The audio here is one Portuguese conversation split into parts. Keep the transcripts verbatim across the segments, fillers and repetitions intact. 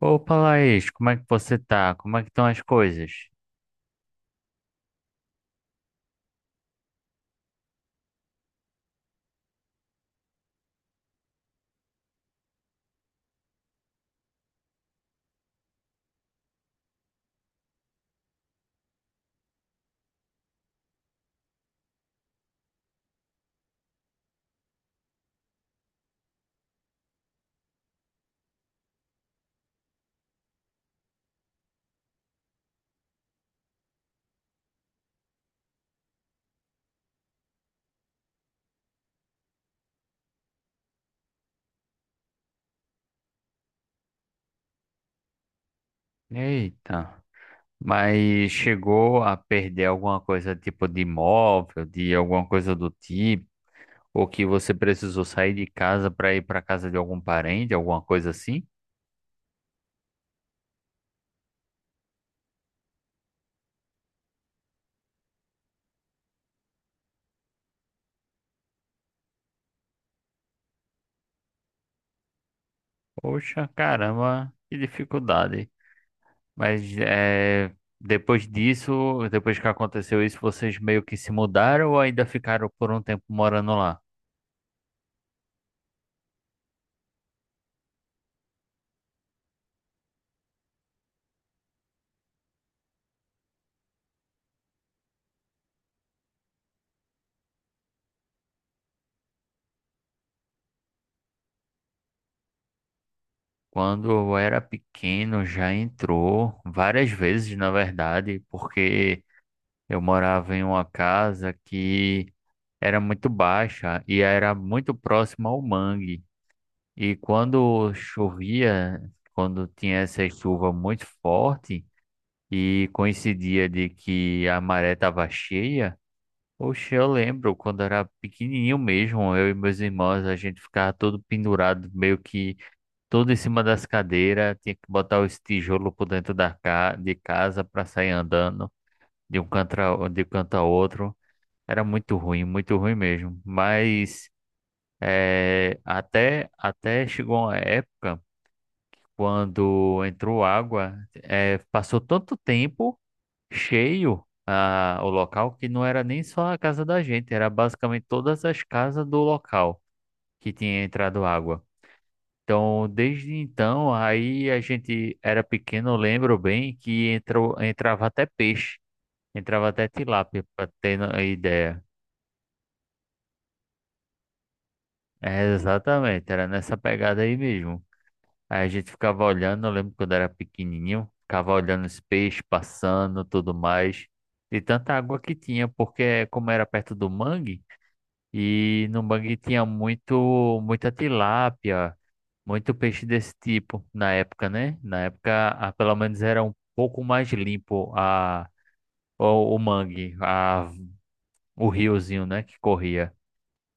Opa, Laís, como é que você tá? Como é que estão as coisas? Eita, mas chegou a perder alguma coisa tipo de imóvel, de alguma coisa do tipo, ou que você precisou sair de casa para ir para casa de algum parente, alguma coisa assim? Poxa, caramba, que dificuldade. Mas é, depois disso, depois que aconteceu isso, vocês meio que se mudaram ou ainda ficaram por um tempo morando lá? Quando eu era pequeno, já entrou várias vezes, na verdade, porque eu morava em uma casa que era muito baixa e era muito próxima ao mangue. E quando chovia, quando tinha essa chuva muito forte e coincidia de que a maré estava cheia, oxe, eu lembro quando era pequenininho mesmo, eu e meus irmãos, a gente ficava todo pendurado, meio que tudo em cima das cadeiras, tinha que botar os tijolos por dentro da ca... de casa para sair andando de um canto a... de um canto a outro. Era muito ruim, muito ruim mesmo. Mas eh, até, até chegou uma época quando entrou água, eh, passou tanto tempo cheio ah, o local que não era nem só a casa da gente, era basicamente todas as casas do local que tinha entrado água. Então, desde então, aí a gente era pequeno, eu lembro bem que entrou, entrava até peixe, entrava até tilápia, para ter no- a ideia. É, exatamente, era nessa pegada aí mesmo. Aí a gente ficava olhando, eu lembro quando era pequenininho, ficava olhando os peixes passando, tudo mais, e tanta água que tinha, porque como era perto do mangue, e no mangue tinha muito, muita tilápia, muito peixe desse tipo na época, né? Na época, ah, pelo menos era um pouco mais limpo a, o, o mangue, a, o riozinho, né, que corria.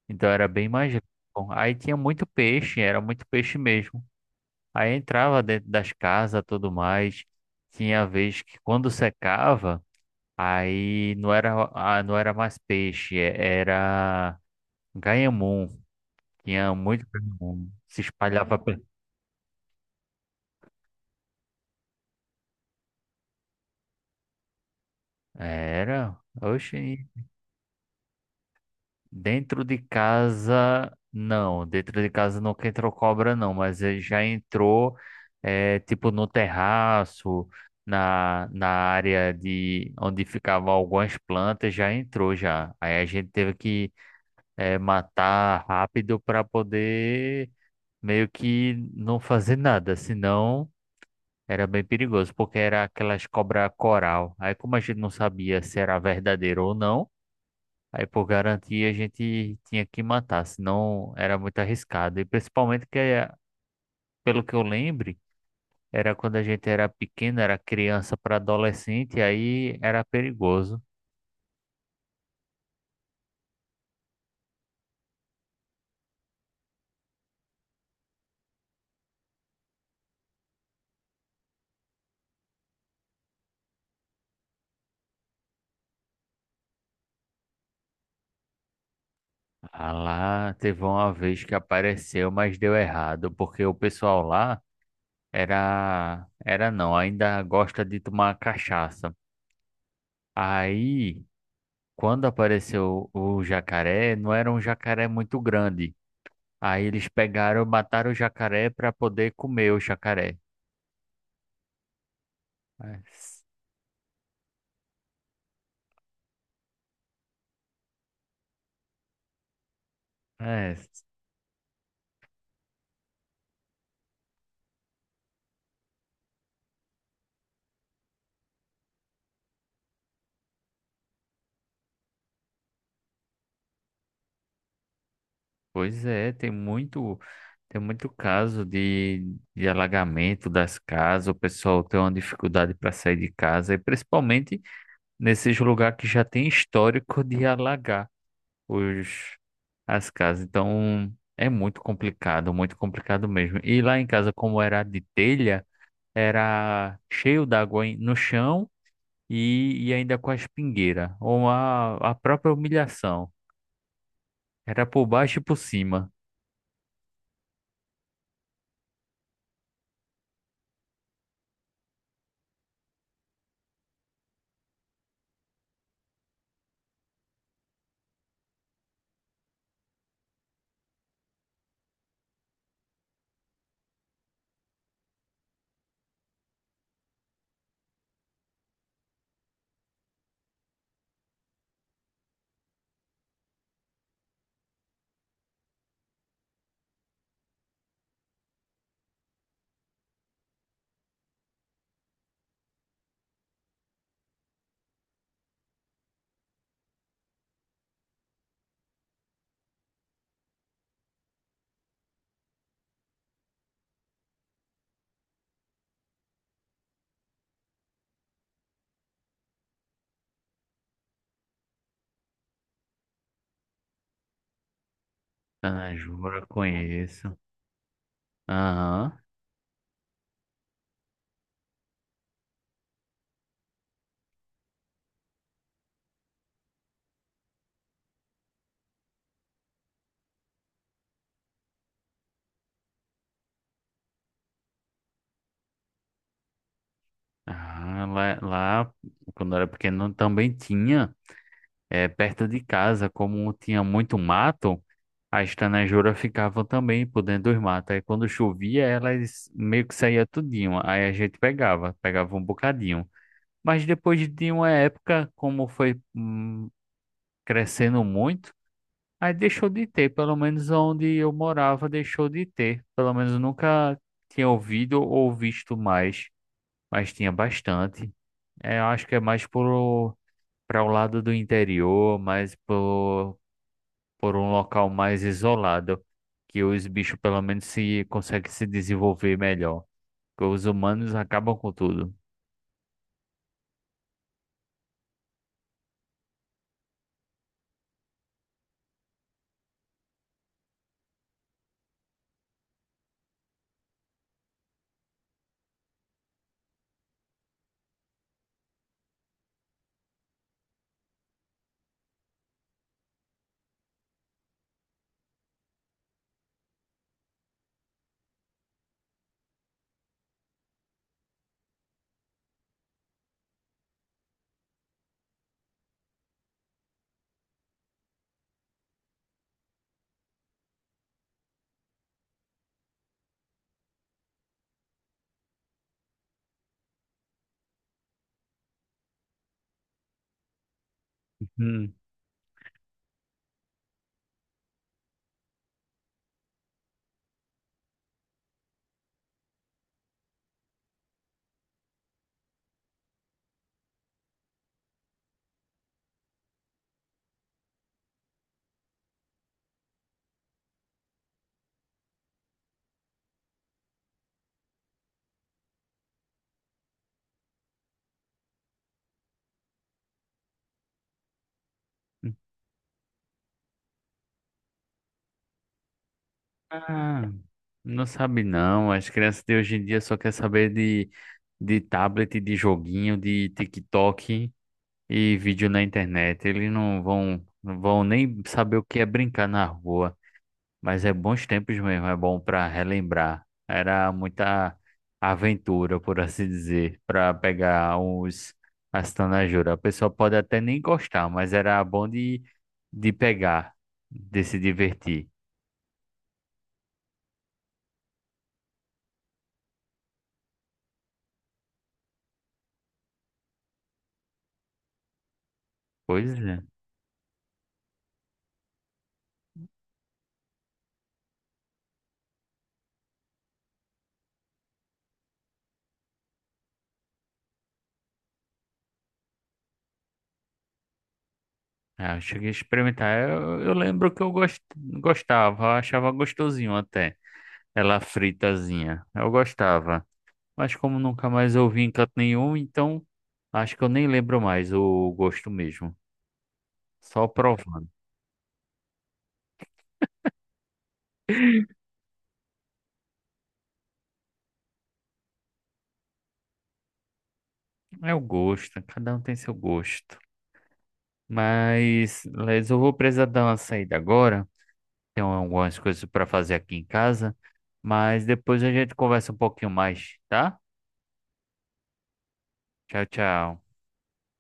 Então era bem mais limpo. Aí tinha muito peixe, era muito peixe mesmo. Aí entrava dentro das casas, tudo mais. Tinha vez que quando secava, aí não era, ah, não era mais peixe, é- era ganhamum. Tinha muito pernilongo. Se espalhava. pe- Era. Oxi. Dentro de casa, não. Dentro de casa nunca entrou cobra, não. Mas ele já entrou, é, tipo, no terraço, na, na área de onde ficavam algumas plantas, já entrou já. Aí a gente teve que, é, matar rápido para poder meio que não fazer nada. Senão. Era bem perigoso, porque era aquelas cobra coral. Aí, como a gente não sabia se era verdadeiro ou não, aí por garantia a gente tinha que matar, senão era muito arriscado. E principalmente que, eh, pelo que eu lembre, era quando a gente era pequeno, era criança para adolescente, aí era perigoso. Ah, lá teve uma vez que apareceu, mas deu errado, porque o pessoal lá era, era não, ainda gosta de tomar cachaça. Aí quando apareceu o jacaré, não era um jacaré muito grande. Aí eles pegaram, mataram o jacaré para poder comer o jacaré. É, s- é, s- pois é, tem muito, tem muito caso de, de alagamento das casas, o pessoal tem uma dificuldade para sair de casa, e principalmente nesses lugares que já tem histórico de alagar os, as casas. Então é muito complicado, muito complicado mesmo. E lá em casa, como era de telha, era cheio d'água em- no chão e, e ainda com a espingueira, ou a, a própria humilhação. Era por baixo e por cima. Ah, jura, conheço. Aham. Ah, lá, lá, quando eu era pequeno, também tinha, é, perto de casa, como tinha muito mato, as tanajuras ficavam também por dentro dos matos. Aí quando chovia, elas meio que saía tudinho. Aí a gente pegava, pegava um bocadinho. Mas depois de uma época, como foi hum, crescendo muito, aí deixou de ter, pelo menos onde eu morava, deixou de ter. Pelo menos eu nunca tinha ouvido ou visto mais, mas tinha bastante. É, eu acho que é mais pro, para o lado do interior, mais por, por um local mais isolado, que os bichos pelo menos se conseguem se desenvolver melhor. Porque os humanos acabam com tudo. Hum. Ah, não sabe não. As crianças de hoje em dia só quer saber de, de tablet, de joguinho, de TikTok e vídeo na internet. Eles não vão, não vão nem saber o que é brincar na rua. Mas é bons tempos mesmo, é bom para relembrar. Era muita aventura, por assim dizer, para pegar os as tanajuras. A pessoa pode até nem gostar, mas era bom de, de pegar, de se divertir. Pois é. Ah, eu cheguei a experimentar. Eu, eu lembro que eu gost, gostava, eu achava gostosinho até. Ela fritazinha. Eu gostava. Mas como nunca mais eu vi em canto nenhum, então acho que eu nem lembro mais o gosto mesmo. Só provando. É o gosto, cada um tem seu gosto. Mas, Les, eu vou precisar dar uma saída agora. Tenho algumas coisas para fazer aqui em casa. Mas depois a gente conversa um pouquinho mais, tá? Tchau, tchau.